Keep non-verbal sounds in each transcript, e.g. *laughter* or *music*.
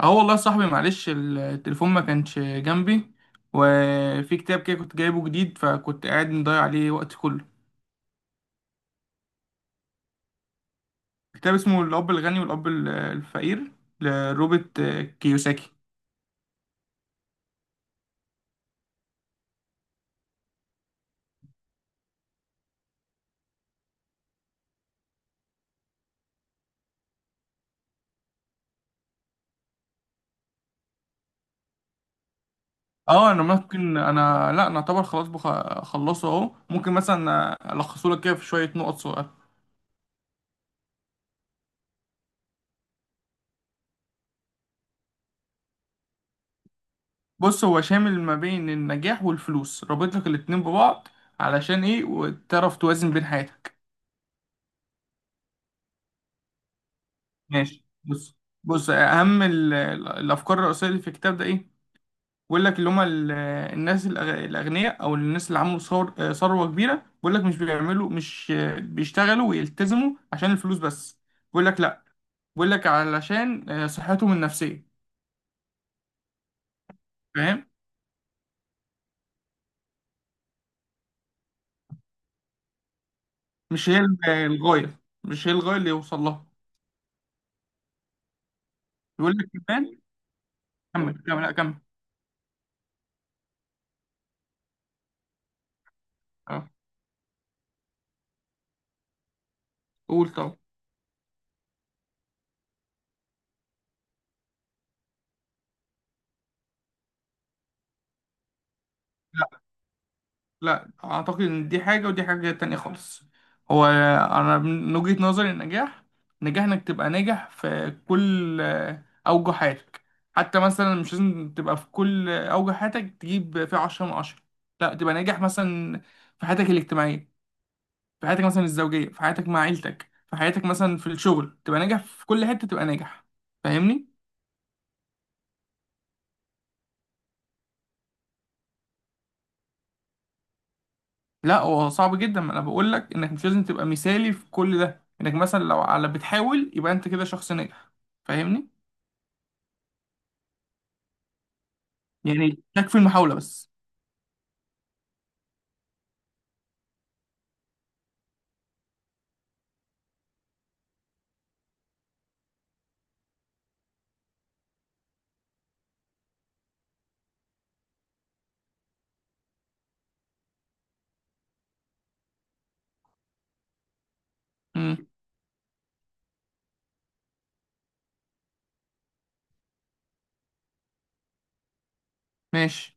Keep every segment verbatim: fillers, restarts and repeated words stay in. اه والله يا صاحبي، معلش التليفون ما كانش جنبي. وفي كتاب كده كنت جايبه جديد، فكنت قاعد مضيع عليه وقت كله. كتاب اسمه الأب الغني والأب ال- الفقير، لروبرت كيوساكي. اه انا ممكن، انا لا انا اعتبر خلاص بخ... خلصه اهو. ممكن مثلا الخصه لك كده في شويه نقط صغيره. بص، هو شامل ما بين النجاح والفلوس، رابط لك الاتنين ببعض، علشان ايه؟ وتعرف توازن بين حياتك. ماشي، بص. بص اهم ال- الافكار الرئيسيه اللي في الكتاب ده ايه؟ بيقول لك اللي هم ال- الناس الأغ- الاغنياء، او الناس اللي عملوا ثور- آه، ثروه كبيره، بيقول لك مش بيعملوا، مش آه، بيشتغلوا ويلتزموا عشان الفلوس بس. بيقول لك لا، بيقول لك علشان آه، صحتهم النفسيه، فاهم. مش هي ال- آه، الغايه، مش هي الغايه اللي يوصل لها. بيقول لك كمان. كمل كمل لا كمل. اه قول طبعا. لا، اعتقد ان دي حاجه ودي حاجه تانية خالص. هو انا من وجهه نظري، النجاح نجاح انك تبقى ناجح في كل آه، اوجه حياتك. حتى مثلا مش لازم تبقى في كل آه، اوجه حياتك تجيب فيها عشرة من عشرة، لا. تبقى ناجح مثلا في حياتك الاجتماعيه، في حياتك مثلا الزوجيه، في حياتك مع عيلتك، في حياتك مثلا في الشغل، تبقى ناجح في كل حته تبقى ناجح، فاهمني. لا، هو صعب جدا، ما انا بقول لك انك مش لازم تبقى مثالي في كل ده، انك مثلا لو على بتحاول يبقى انت كده شخص ناجح، فاهمني. يعني تكفي المحاولة بس. امم، ماشي.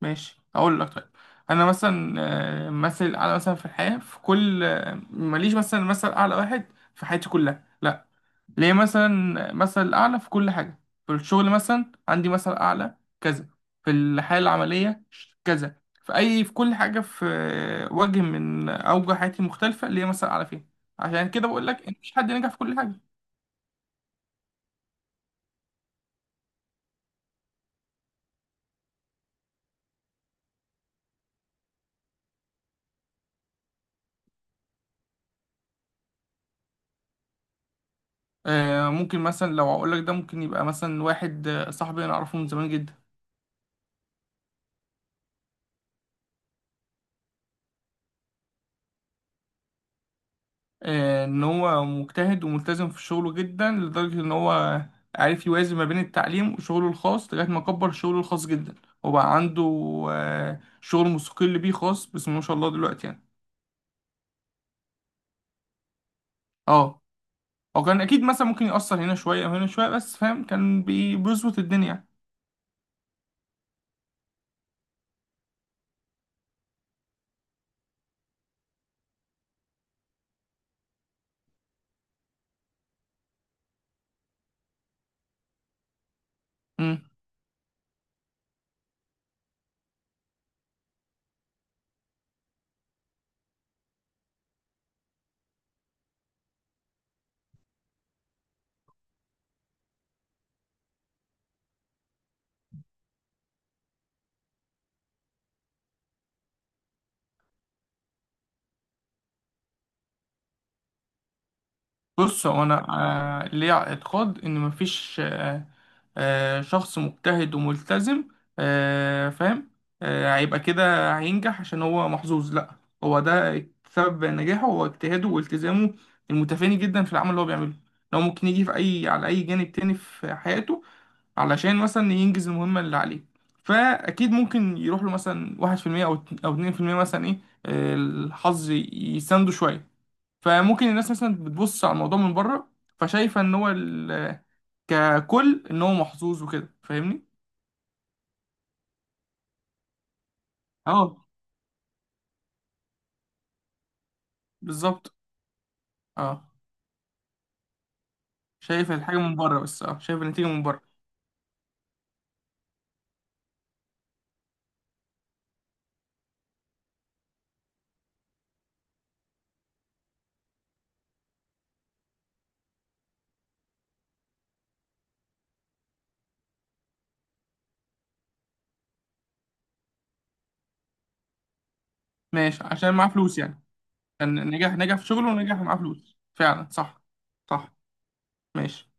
ماشي اقول لك، طيب. انا مثلا آه، مثل اعلى مثلا في الحياة، في كل آه، ماليش مثلا مثل اعلى واحد في حياتي كلها، لا. ليه مثلا مثل اعلى في كل حاجه؟ في الشغل مثلا عندي مثل اعلى كذا، في الحياه العمليه ش- كذا، في اي في كل حاجه، في وجه من اوجه حياتي المختلفه ليه مثل اعلى فيها. عشان كده بقول لك ان مفيش حد نجح في كل حاجه. آه، ممكن مثلا لو اقول لك ده، ممكن يبقى مثلا واحد آه، صاحبي، انا اعرفه من زمان جدا. آه، ان هو مجتهد وملتزم في شغله جدا، لدرجة ان هو عارف يوازن ما بين التعليم وشغله الخاص، لغاية ما كبر شغله الخاص جدا، وبقى عنده آه، شغل مستقل بيه خاص بسم الله ما شاء الله دلوقتي يعني. اه، هو كان اكيد مثلا ممكن يأثر هنا شوية وهنا شوية، بس فاهم، كان بي- بيظبط الدنيا. بص هو انا آه، ليا اعتقاد ان مفيش آه، آه، شخص مجتهد وملتزم، آه، فاهم، آه، هيبقى كده هينجح عشان هو محظوظ، لا. هو ده سبب نجاحه، هو اجتهاده والتزامه المتفاني جدا في العمل اللي هو بيعمله. لو ممكن يجي في اي على اي جانب تاني في حياته علشان مثلا ينجز المهمة اللي عليه. فاكيد ممكن يروح له مثلا واحد في المية او او اتنين في المية مثلا ايه، آه، الحظ يسنده شوية. فممكن الناس مثلا بتبص على الموضوع من بره، فشايفه ان هو ال... ككل ان هو محظوظ وكده، فاهمني. اه بالظبط. اه شايف الحاجه من بره بس، اه شايف النتيجه من بره. ماشي، عشان معاه فلوس يعني؟ كان نجح نجح في شغله، ونجح معاه فلوس فعلا صح. صح، ماشي.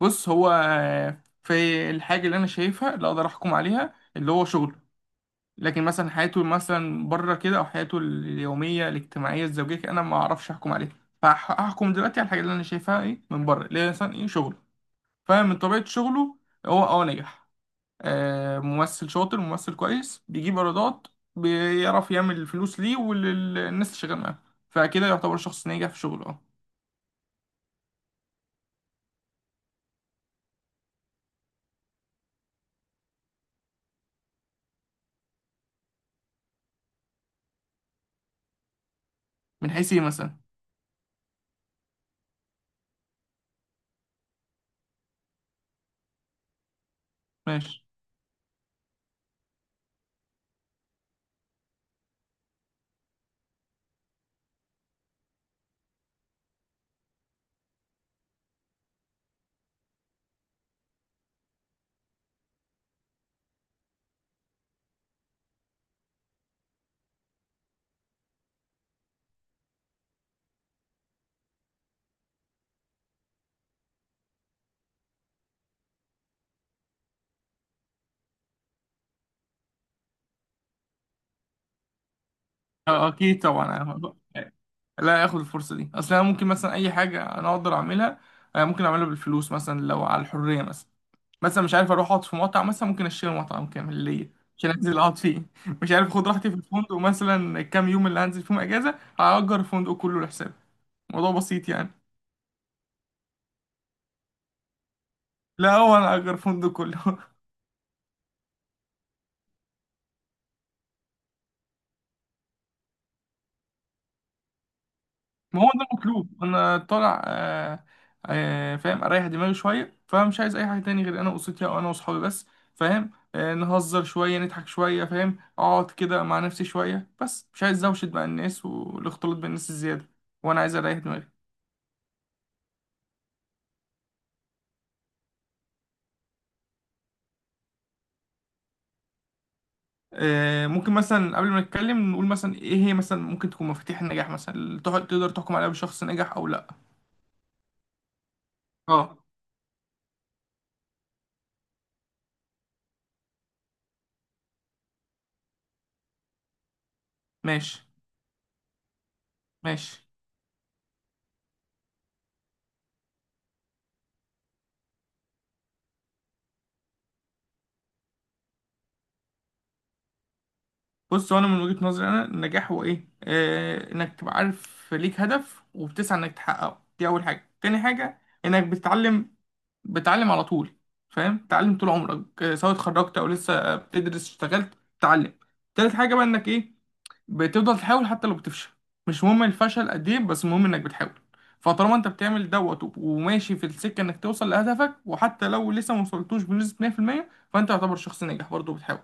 بص، هو في الحاجه اللي انا شايفها اللي اقدر احكم عليها اللي هو شغله، لكن مثلا حياته مثلا بره كده، او حياته اليوميه الاجتماعيه الزوجيه كده، انا ما اعرفش احكم عليها. فهحكم دلوقتي على الحاجه اللي انا شايفها ايه من بره، اللي هي مثلا ايه شغله. فمن طبيعه شغله هو اه نجح، آه ممثل شاطر، ممثل كويس، بيجيب ايرادات، بيعرف يعمل فلوس ليه وللناس اللي شغال معاه. فكده يعتبر شخص ناجح في شغله، اه. من حيث ايه مثلا؟ ماشي. اه آه، اكيد طبعا. أنا لا اخد الفرصه دي، اصل انا ممكن مثلا اي حاجه انا اقدر اعملها، آه، ممكن اعملها بالفلوس. مثلا لو على الحريه، مثلا مثلا مش عارف اروح اقعد في مطعم، مثلا ممكن اشتري مطعم كامل ليا عشان انزل اقعد فيه. *laughs* مش عارف اخد راحتي في الفندق مثلا، الكام يوم اللي هنزل فيهم اجازه هاجر الفندق كله لحسابي، الموضوع بسيط يعني. لا، هو انا اجر الفندق كله. *laughs* ما هو ده مطلوب، انا طالع آه آه فاهم اريح دماغي شويه، فمش عايز اي حاجه تاني غير انا واسرتي، او انا واصحابي بس، فاهم، آه نهزر شويه نضحك شويه، فاهم، اقعد كده مع نفسي شويه، بس مش عايز دوشه مع الناس والاختلاط بالناس الزياده، وانا عايز اريح دماغي. آه، ممكن مثلا قبل ما نتكلم نقول مثلا ايه هي مثلا ممكن تكون مفاتيح النجاح مثلا اللي تقعد- تقدر تحكم عليها بشخص نجح او لا. اه. ماشي. ماشي بص، هو انا من وجهة نظري، انا النجاح هو ايه؟ آه انك تبقى عارف ليك هدف وبتسعى انك تحققه، دي اول حاجة. تاني حاجة انك بتتعلم بتتعلم على طول، فاهم، تتعلم طول عمرك، آه، سواء اتخرجت او لسه بتدرس، اشتغلت تتعلم. تالت حاجة بقى انك ايه؟ بتفضل تحاول حتى لو بتفشل، مش مهم الفشل قد ايه، بس المهم انك بتحاول. فطالما انت بتعمل دوت وب- وماشي في السكه انك توصل لهدفك، وحتى لو لسه ما وصلتوش بنسبه مية في المية، فانت يعتبر شخص ناجح برضه بتحاول.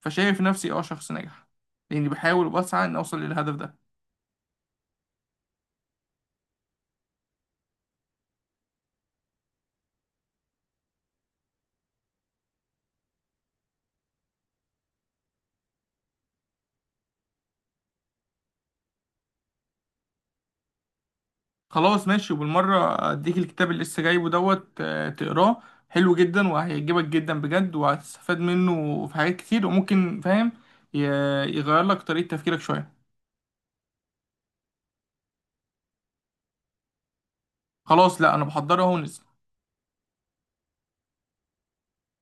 فشايف نفسي اه شخص ناجح، لاني بحاول وبسعى ان اوصل للهدف ده. خلاص ماشي، وبالمره اديك الكتاب اللي لسه جايبه دوت آه، تقراه، حلو جدا وهيعجبك جدا بجد، وهتستفاد منه في حاجات كتير، وممكن فاهم، ي- يغير لك طريقه تفكيرك شويه. خلاص لا انا بحضرها اهو.